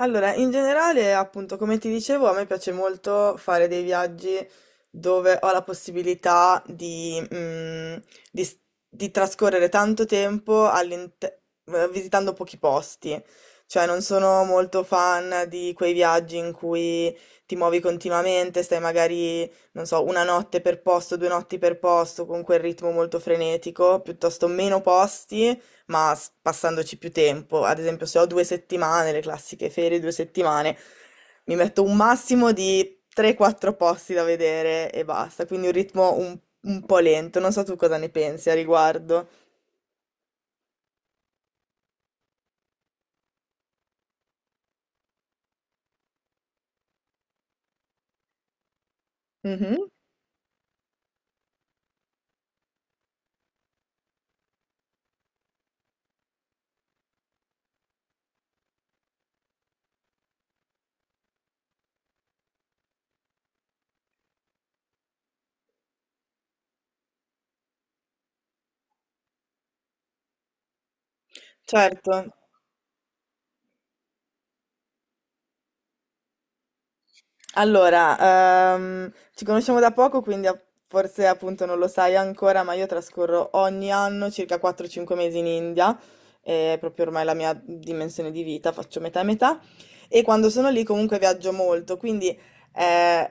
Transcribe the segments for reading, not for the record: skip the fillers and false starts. Allora, in generale, appunto, come ti dicevo, a me piace molto fare dei viaggi dove ho la possibilità di, di s- di trascorrere tanto tempo visitando pochi posti. Cioè, non sono molto fan di quei viaggi in cui ti muovi continuamente, stai magari, non so, una notte per posto, 2 notti per posto, con quel ritmo molto frenetico, piuttosto meno posti ma passandoci più tempo. Ad esempio, se ho 2 settimane, le classiche ferie, 2 settimane, mi metto un massimo di 3-4 posti da vedere e basta. Quindi un ritmo un po' lento. Non so tu cosa ne pensi a riguardo. Mhm. Certo. Allora, ci conosciamo da poco, quindi forse appunto non lo sai ancora, ma io trascorro ogni anno circa 4-5 mesi in India, è proprio ormai la mia dimensione di vita, faccio metà e metà, e quando sono lì comunque viaggio molto, quindi eh,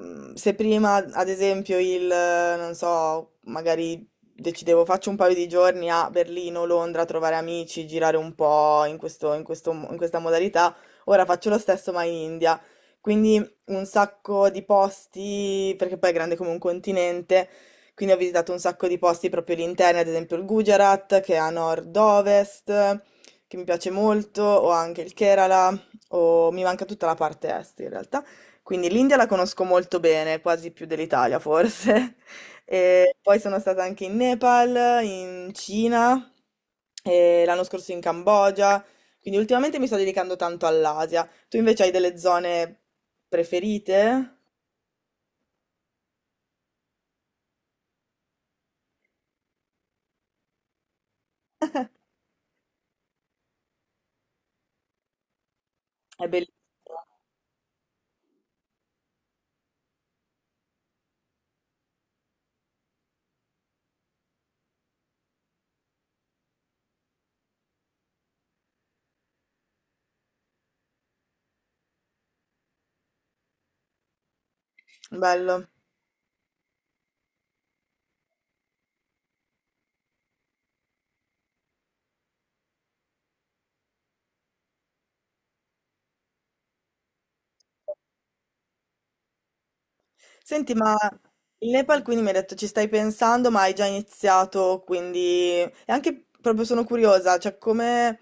se prima ad esempio non so, magari decidevo faccio un paio di giorni a Berlino, Londra a trovare amici, girare un po' in questa modalità, ora faccio lo stesso ma in India. Quindi un sacco di posti, perché poi è grande come un continente, quindi ho visitato un sacco di posti proprio all'interno, ad esempio il Gujarat, che è a nord-ovest, che mi piace molto, o anche il Kerala, o mi manca tutta la parte est in realtà. Quindi l'India la conosco molto bene, quasi più dell'Italia forse. E poi sono stata anche in Nepal, in Cina, e l'anno scorso in Cambogia. Quindi ultimamente mi sto dedicando tanto all'Asia. Tu invece hai delle zone preferite? È bellissimo. Bello. Senti, ma il Nepal quindi mi hai detto ci stai pensando, ma hai già iniziato, quindi... E anche proprio sono curiosa, cioè come...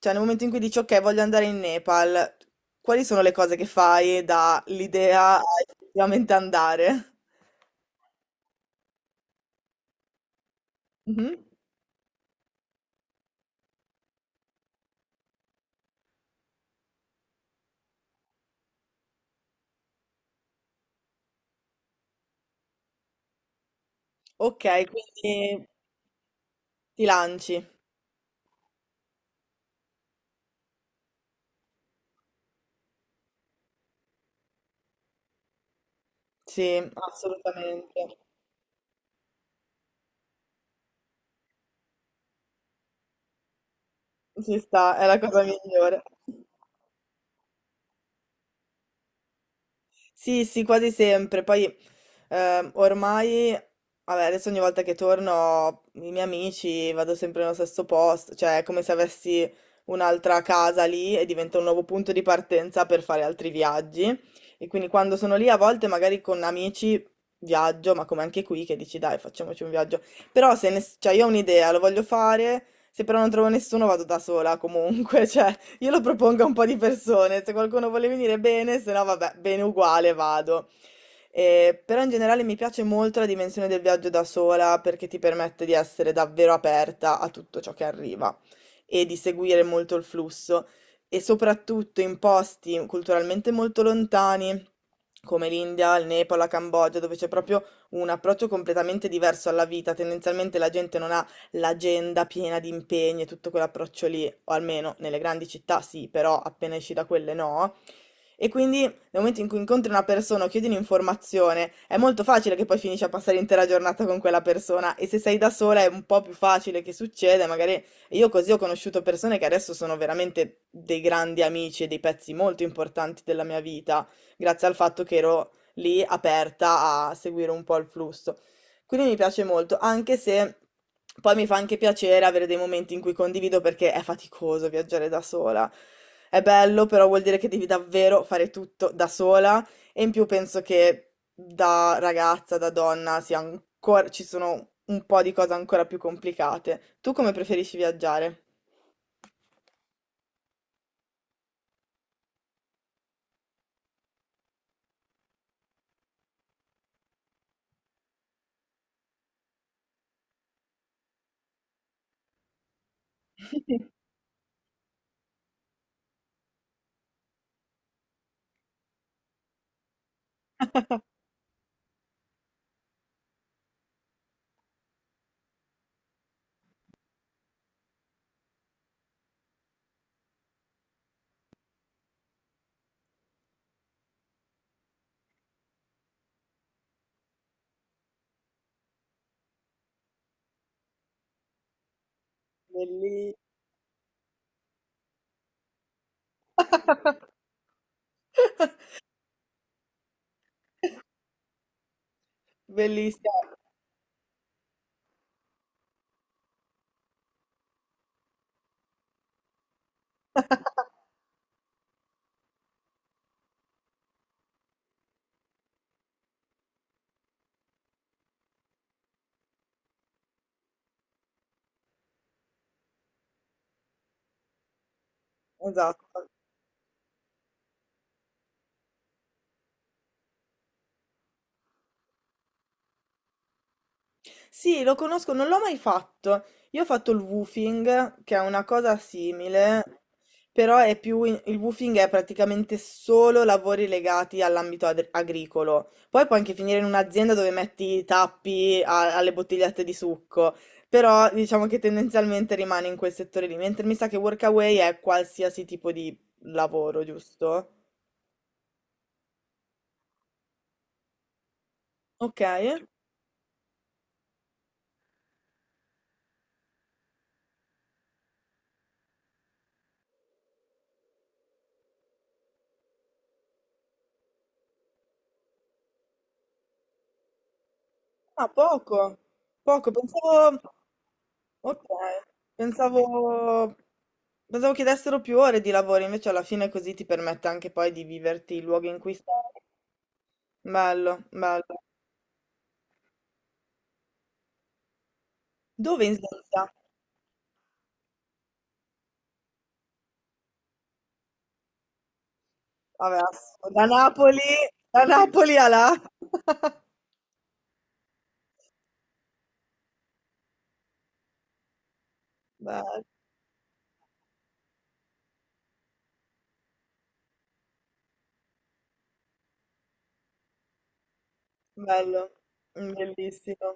Cioè nel momento in cui dici ok, voglio andare in Nepal, quali sono le cose che fai dall'idea a effettivamente andare? Mhm. Ok, quindi ti lanci. Sì, assolutamente. Ci sta, è la cosa migliore. Sì, sì, quasi sempre. Poi ormai, vabbè, adesso ogni volta che torno, i miei amici vado sempre nello stesso posto, cioè è come se avessi un'altra casa lì e diventa un nuovo punto di partenza per fare altri viaggi. E quindi quando sono lì a volte magari con amici viaggio, ma come anche qui che dici dai, facciamoci un viaggio. Però se ne- cioè, io ho un'idea, lo voglio fare, se però non trovo nessuno vado da sola comunque. Io lo propongo a un po' di persone, se qualcuno vuole venire bene, se no vabbè, bene uguale vado. Però in generale mi piace molto la dimensione del viaggio da sola perché ti permette di essere davvero aperta a tutto ciò che arriva e di seguire molto il flusso e soprattutto in posti culturalmente molto lontani come l'India, il Nepal, la Cambogia, dove c'è proprio un approccio completamente diverso alla vita. Tendenzialmente la gente non ha l'agenda piena di impegni e tutto quell'approccio lì, o almeno nelle grandi città sì, però appena esci da quelle no. E quindi nel momento in cui incontri una persona o chiedi un'informazione, è molto facile che poi finisci a passare l'intera giornata con quella persona e se sei da sola è un po' più facile che succeda, magari io così ho conosciuto persone che adesso sono veramente dei grandi amici e dei pezzi molto importanti della mia vita, grazie al fatto che ero lì aperta a seguire un po' il flusso. Quindi mi piace molto, anche se poi mi fa anche piacere avere dei momenti in cui condivido perché è faticoso viaggiare da sola. È bello, però vuol dire che devi davvero fare tutto da sola e in più penso che da ragazza, da donna, sia ancora, ci sono un po' di cose ancora più complicate. Tu come preferisci viaggiare? Belli- Bellissima, esatto. Sì, lo conosco, non l'ho mai fatto. Io ho fatto il woofing, che è una cosa simile, però è più il woofing è praticamente solo lavori legati all'ambito agricolo. Poi puoi anche finire in un'azienda dove metti i tappi alle bottigliette di succo, però diciamo che tendenzialmente rimane in quel settore lì, mentre mi sa che Workaway è qualsiasi tipo di lavoro, giusto? Ok. Ah, poco. Poco, pensavo. Ok, pensavo, pensavo chiedessero più ore di lavoro, invece alla fine così ti permette anche poi di viverti i luoghi in cui stai. Bello, bello. Dove in Svezia? Vabbè, da Napoli a là. Bello, bello, bellissimo.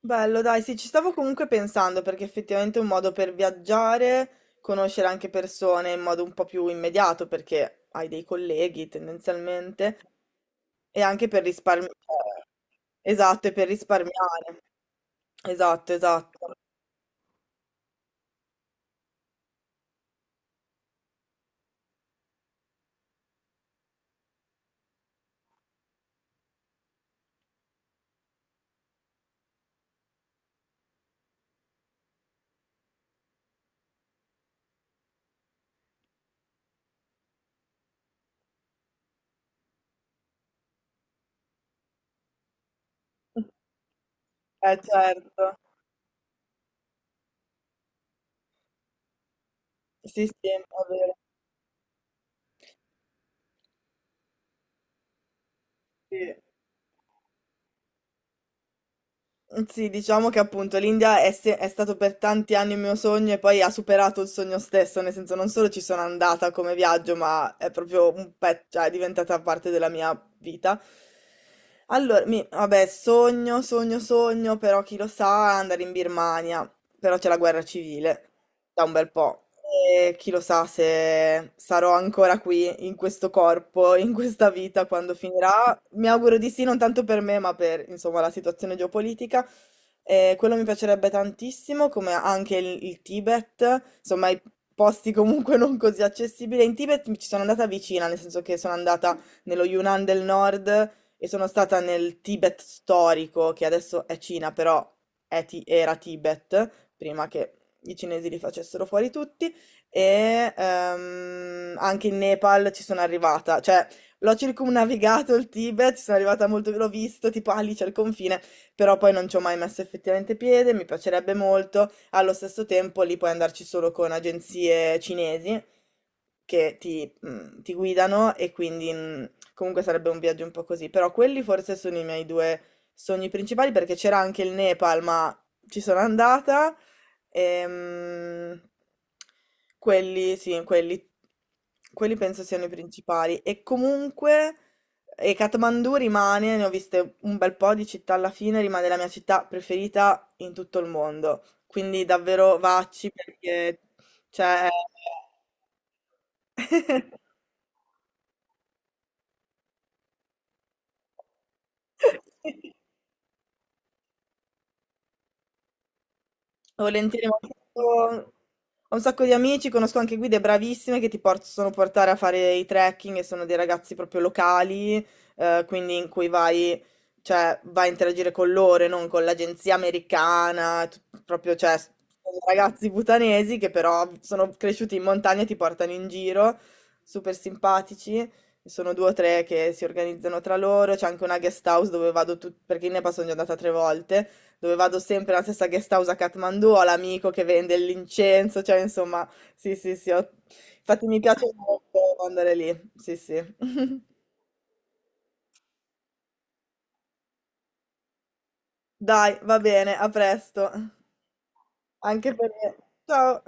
Bello, dai, sì, ci stavo comunque pensando perché effettivamente è un modo per viaggiare, conoscere anche persone in modo un po' più immediato perché hai dei colleghi tendenzialmente. E anche per risparmi, cioè, esatto, e per risparmiare. Esatto, esatto. Eh certo. Sì, sì, è vero, sì. Sì, diciamo che appunto l'India è, è stato per tanti anni il mio sogno e poi ha superato il sogno stesso, nel senso non solo ci sono andata come viaggio, ma è proprio un pezzo, cioè è diventata parte della mia vita. Allora, vabbè, sogno, sogno, sogno, però chi lo sa, andare in Birmania, però c'è la guerra civile da un bel po'. E chi lo sa se sarò ancora qui, in questo corpo, in questa vita, quando finirà, mi auguro di sì, non tanto per me, ma per, insomma, la situazione geopolitica. Quello mi piacerebbe tantissimo, come anche il Tibet, insomma, i posti comunque non così accessibili. In Tibet mi ci sono andata vicina, nel senso che sono andata nello Yunnan del Nord e sono stata nel Tibet storico, che adesso è Cina, però era Tibet, prima che i cinesi li facessero fuori tutti. E anche in Nepal ci sono arrivata, cioè l'ho circumnavigato il Tibet, sono arrivata molto, l'ho visto, tipo, ah, lì c'è il confine, però poi non ci ho mai messo effettivamente piede, mi piacerebbe molto. Allo stesso tempo lì puoi andarci solo con agenzie cinesi, che ti, ti guidano e quindi comunque sarebbe un viaggio un po' così. Però quelli forse sono i miei due sogni principali perché c'era anche il Nepal, ma ci sono andata. Ehm, quelli, sì, quelli, quelli penso siano i principali. E comunque, e Kathmandu rimane, ne ho viste un bel po' di città alla fine, rimane la mia città preferita in tutto il mondo. Quindi davvero vacci, perché, cioè... Volentieri, ma ho un sacco ho un sacco di amici, conosco anche guide bravissime che ti possono portare a fare i trekking e sono dei ragazzi proprio locali, quindi in cui vai, cioè, vai a interagire con loro e non con l'agenzia americana, proprio, cioè, sono ragazzi butanesi che però sono cresciuti in montagna e ti portano in giro, super simpatici. Sono due o tre che si organizzano tra loro, c'è anche una guest house dove vado perché ne passo sono già andata 3 volte, dove vado sempre nella stessa guest house a Kathmandu, ho l'amico che vende l'incenso, cioè insomma, sì, sì, sì, infatti mi piace molto andare lì, sì, sì. Dai, va bene, a presto. Anche per me. Ciao.